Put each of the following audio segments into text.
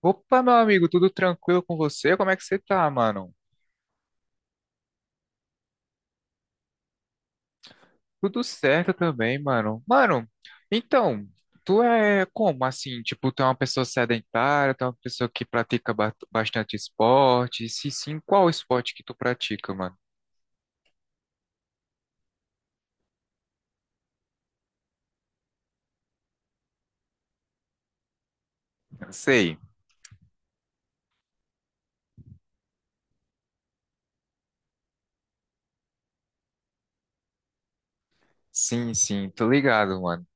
Opa, meu amigo, tudo tranquilo com você? Como é que você tá, mano? Tudo certo também, mano. Então, tu é como assim? Tipo, tu é uma pessoa sedentária, tu é uma pessoa que pratica bastante esporte? Se sim, qual esporte que tu pratica, mano? Sei. Sim, sim, tô ligado, mano.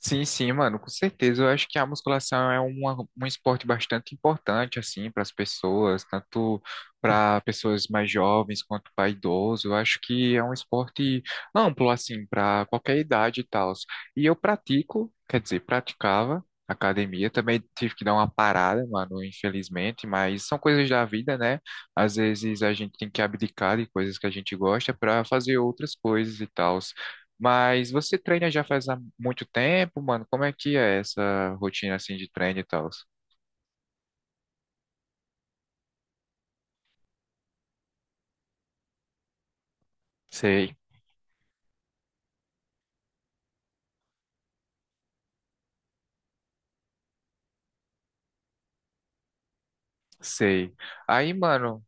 Sim, sim, mano, com certeza. Eu acho que a musculação é um esporte bastante importante, assim, para as pessoas, tanto para pessoas mais jovens quanto para idosos. Eu acho que é um esporte amplo, assim, para qualquer idade e tal. E eu pratico, quer dizer, praticava academia. Também tive que dar uma parada, mano, infelizmente, mas são coisas da vida, né? Às vezes a gente tem que abdicar de coisas que a gente gosta para fazer outras coisas e tal. Mas você treina já faz há muito tempo, mano? Como é que é essa rotina assim de treino e tal? Sei, sei. Aí, mano,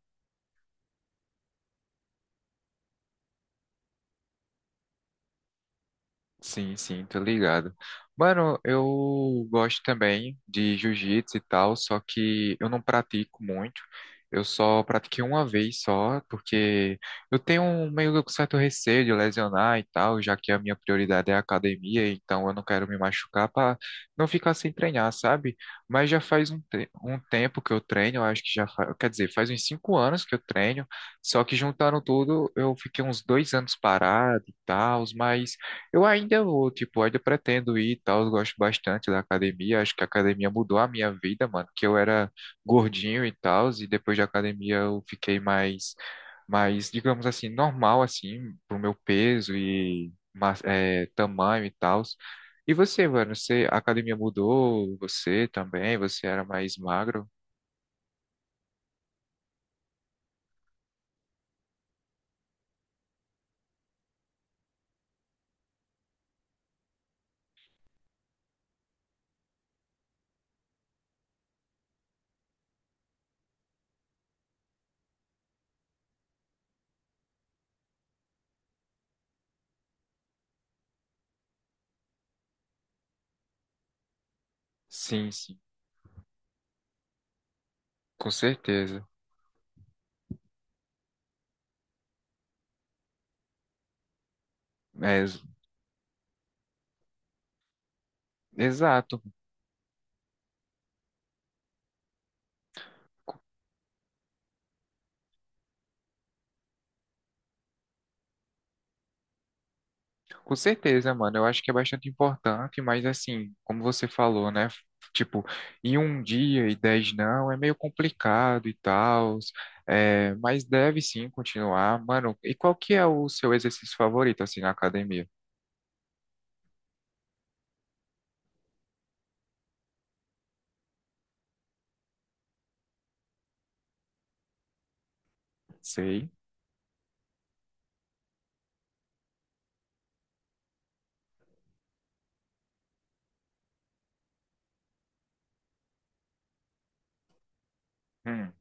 sim, sim, tô ligado. Mano, eu gosto também de jiu-jitsu e tal, só que eu não pratico muito. Eu só pratiquei uma vez só, porque eu tenho um meio que um certo receio de lesionar e tal, já que a minha prioridade é a academia, então eu não quero me machucar para não ficar sem treinar, sabe? Mas já faz um tempo que eu treino, eu acho que já faz, quer dizer, faz uns 5 anos que eu treino, só que juntando tudo, eu fiquei uns 2 anos parado e tal, mas. Eu ainda vou, tipo, ainda pretendo ir e tal, eu gosto bastante da academia, acho que a academia mudou a minha vida, mano, que eu era gordinho e tal, e depois da academia eu fiquei mais, mais, digamos assim, normal, assim, pro meu peso e tamanho e tal. E você, mano, a academia mudou, você também, você era mais magro? Sim, sim, com certeza. É, ex- exato. Com certeza, mano. Eu acho que é bastante importante, mas assim, como você falou, né? Tipo, em um dia e dez não, é meio complicado e tal, é, mas deve sim continuar. Mano, e qual que é o seu exercício favorito, assim, na academia? Sei. Hum,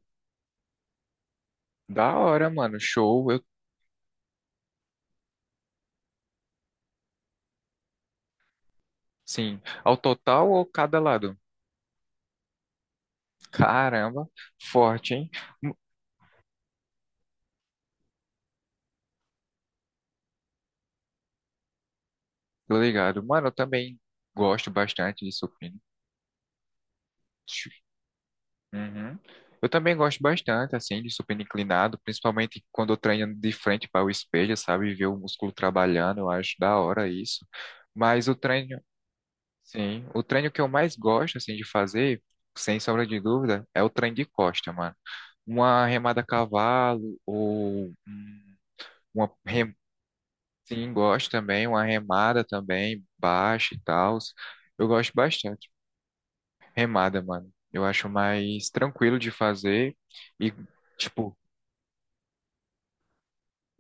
da hora, mano. Show. Eu, sim. Ao total ou cada lado? Caramba, forte, hein? Hum, Tô ligado. Mano, eu também gosto bastante de supino. Uhum. Eu também gosto bastante, assim, de supino inclinado, principalmente quando eu treino de frente para o espelho, sabe? Ver o músculo trabalhando, eu acho da hora isso. Mas o treino, sim, o treino que eu mais gosto, assim, de fazer, sem sombra de dúvida, é o treino de costa, mano. Uma remada a cavalo, ou uma, rem- sim, gosto também, uma remada também, baixa e tal. Eu gosto bastante. Remada, mano. Eu acho mais tranquilo de fazer e. Tipo,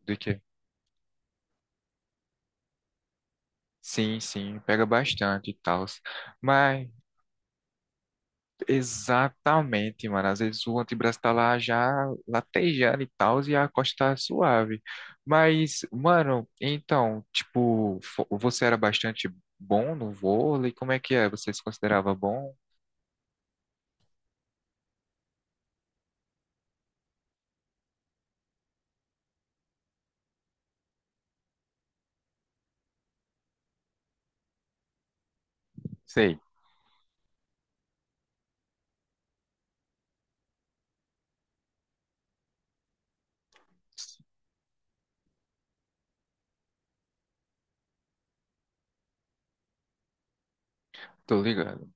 do que? Sim, sim, pega bastante e tal. Mas, exatamente, mano. Às vezes o antebraço tá lá já latejando e tal, e a costa tá suave. Mas, mano, então, tipo, você era bastante bom no vôlei? Como é que é? Você se considerava bom? Sei. Tô ligado.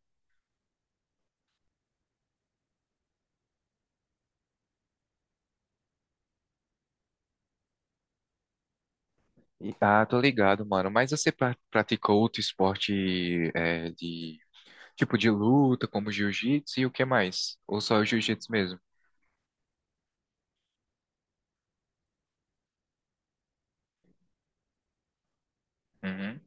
Ah, tô ligado, mano. Mas você praticou outro esporte é, de tipo de luta, como jiu-jitsu e o que mais? Ou só o jiu-jitsu mesmo? Uhum.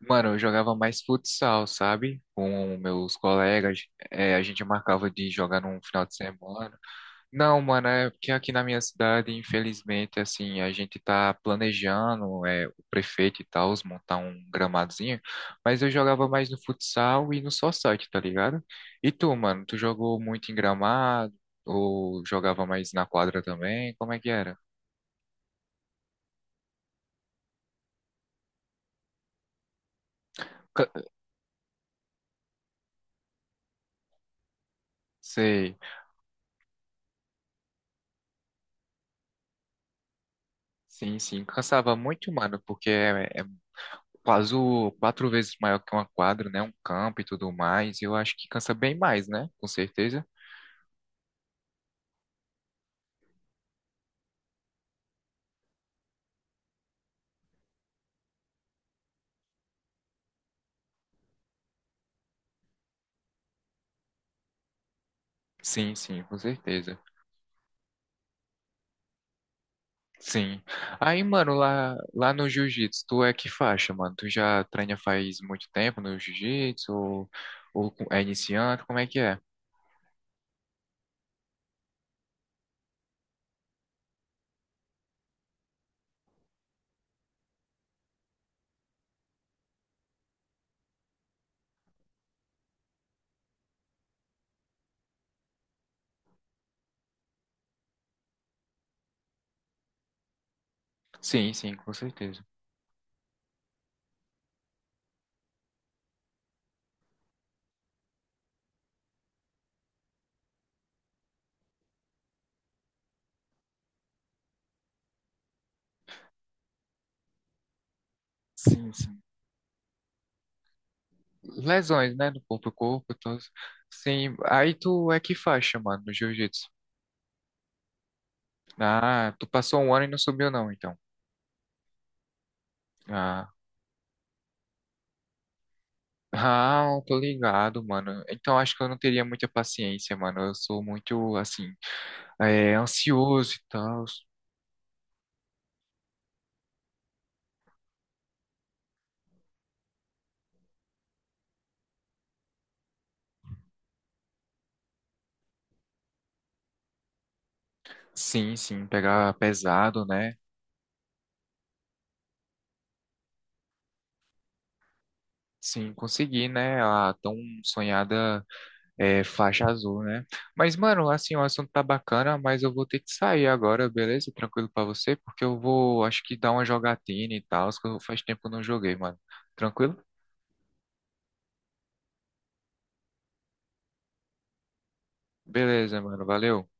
Mano, eu jogava mais futsal, sabe? Com meus colegas. É, a gente marcava de jogar num final de semana. Não, mano, é porque aqui na minha cidade, infelizmente, assim, a gente tá planejando, é, o prefeito e tal, montar um gramadozinho. Mas eu jogava mais no futsal e no society, tá ligado? E tu, mano, tu jogou muito em gramado? Ou jogava mais na quadra também? Como é que era? Ca- sei. Sim, sim, cansava muito, mano, porque é, é 4 vezes maior que uma quadra, né? Um campo e tudo mais. Eu acho que cansa bem mais, né? Com certeza. Sim, sim, com certeza. Sim. Aí, mano, lá no jiu-jitsu, tu é que faixa, mano? Tu já treina faz muito tempo no jiu-jitsu? Ou é iniciante? Como é que é? Sim, sim, com certeza. Sim, sim. Lesões, né? No corpo a corpo, então... Sim. Aí tu é que faixa, mano, no jiu-jitsu? Ah, tu passou 1 ano e não subiu, não, então. Ah. Ah, tô ligado, mano. Então acho que eu não teria muita paciência, mano. Eu sou muito, assim, é, ansioso e tal. Sim, sim, pegar pesado, né? Sim, consegui, né? A tão sonhada é, faixa azul, né? Mas, mano, assim, o assunto tá bacana, mas eu vou ter que sair agora, beleza? Tranquilo pra você, porque eu vou, acho que dar uma jogatina e tal, que faz tempo que eu não joguei, mano. Tranquilo? Beleza, mano. Valeu.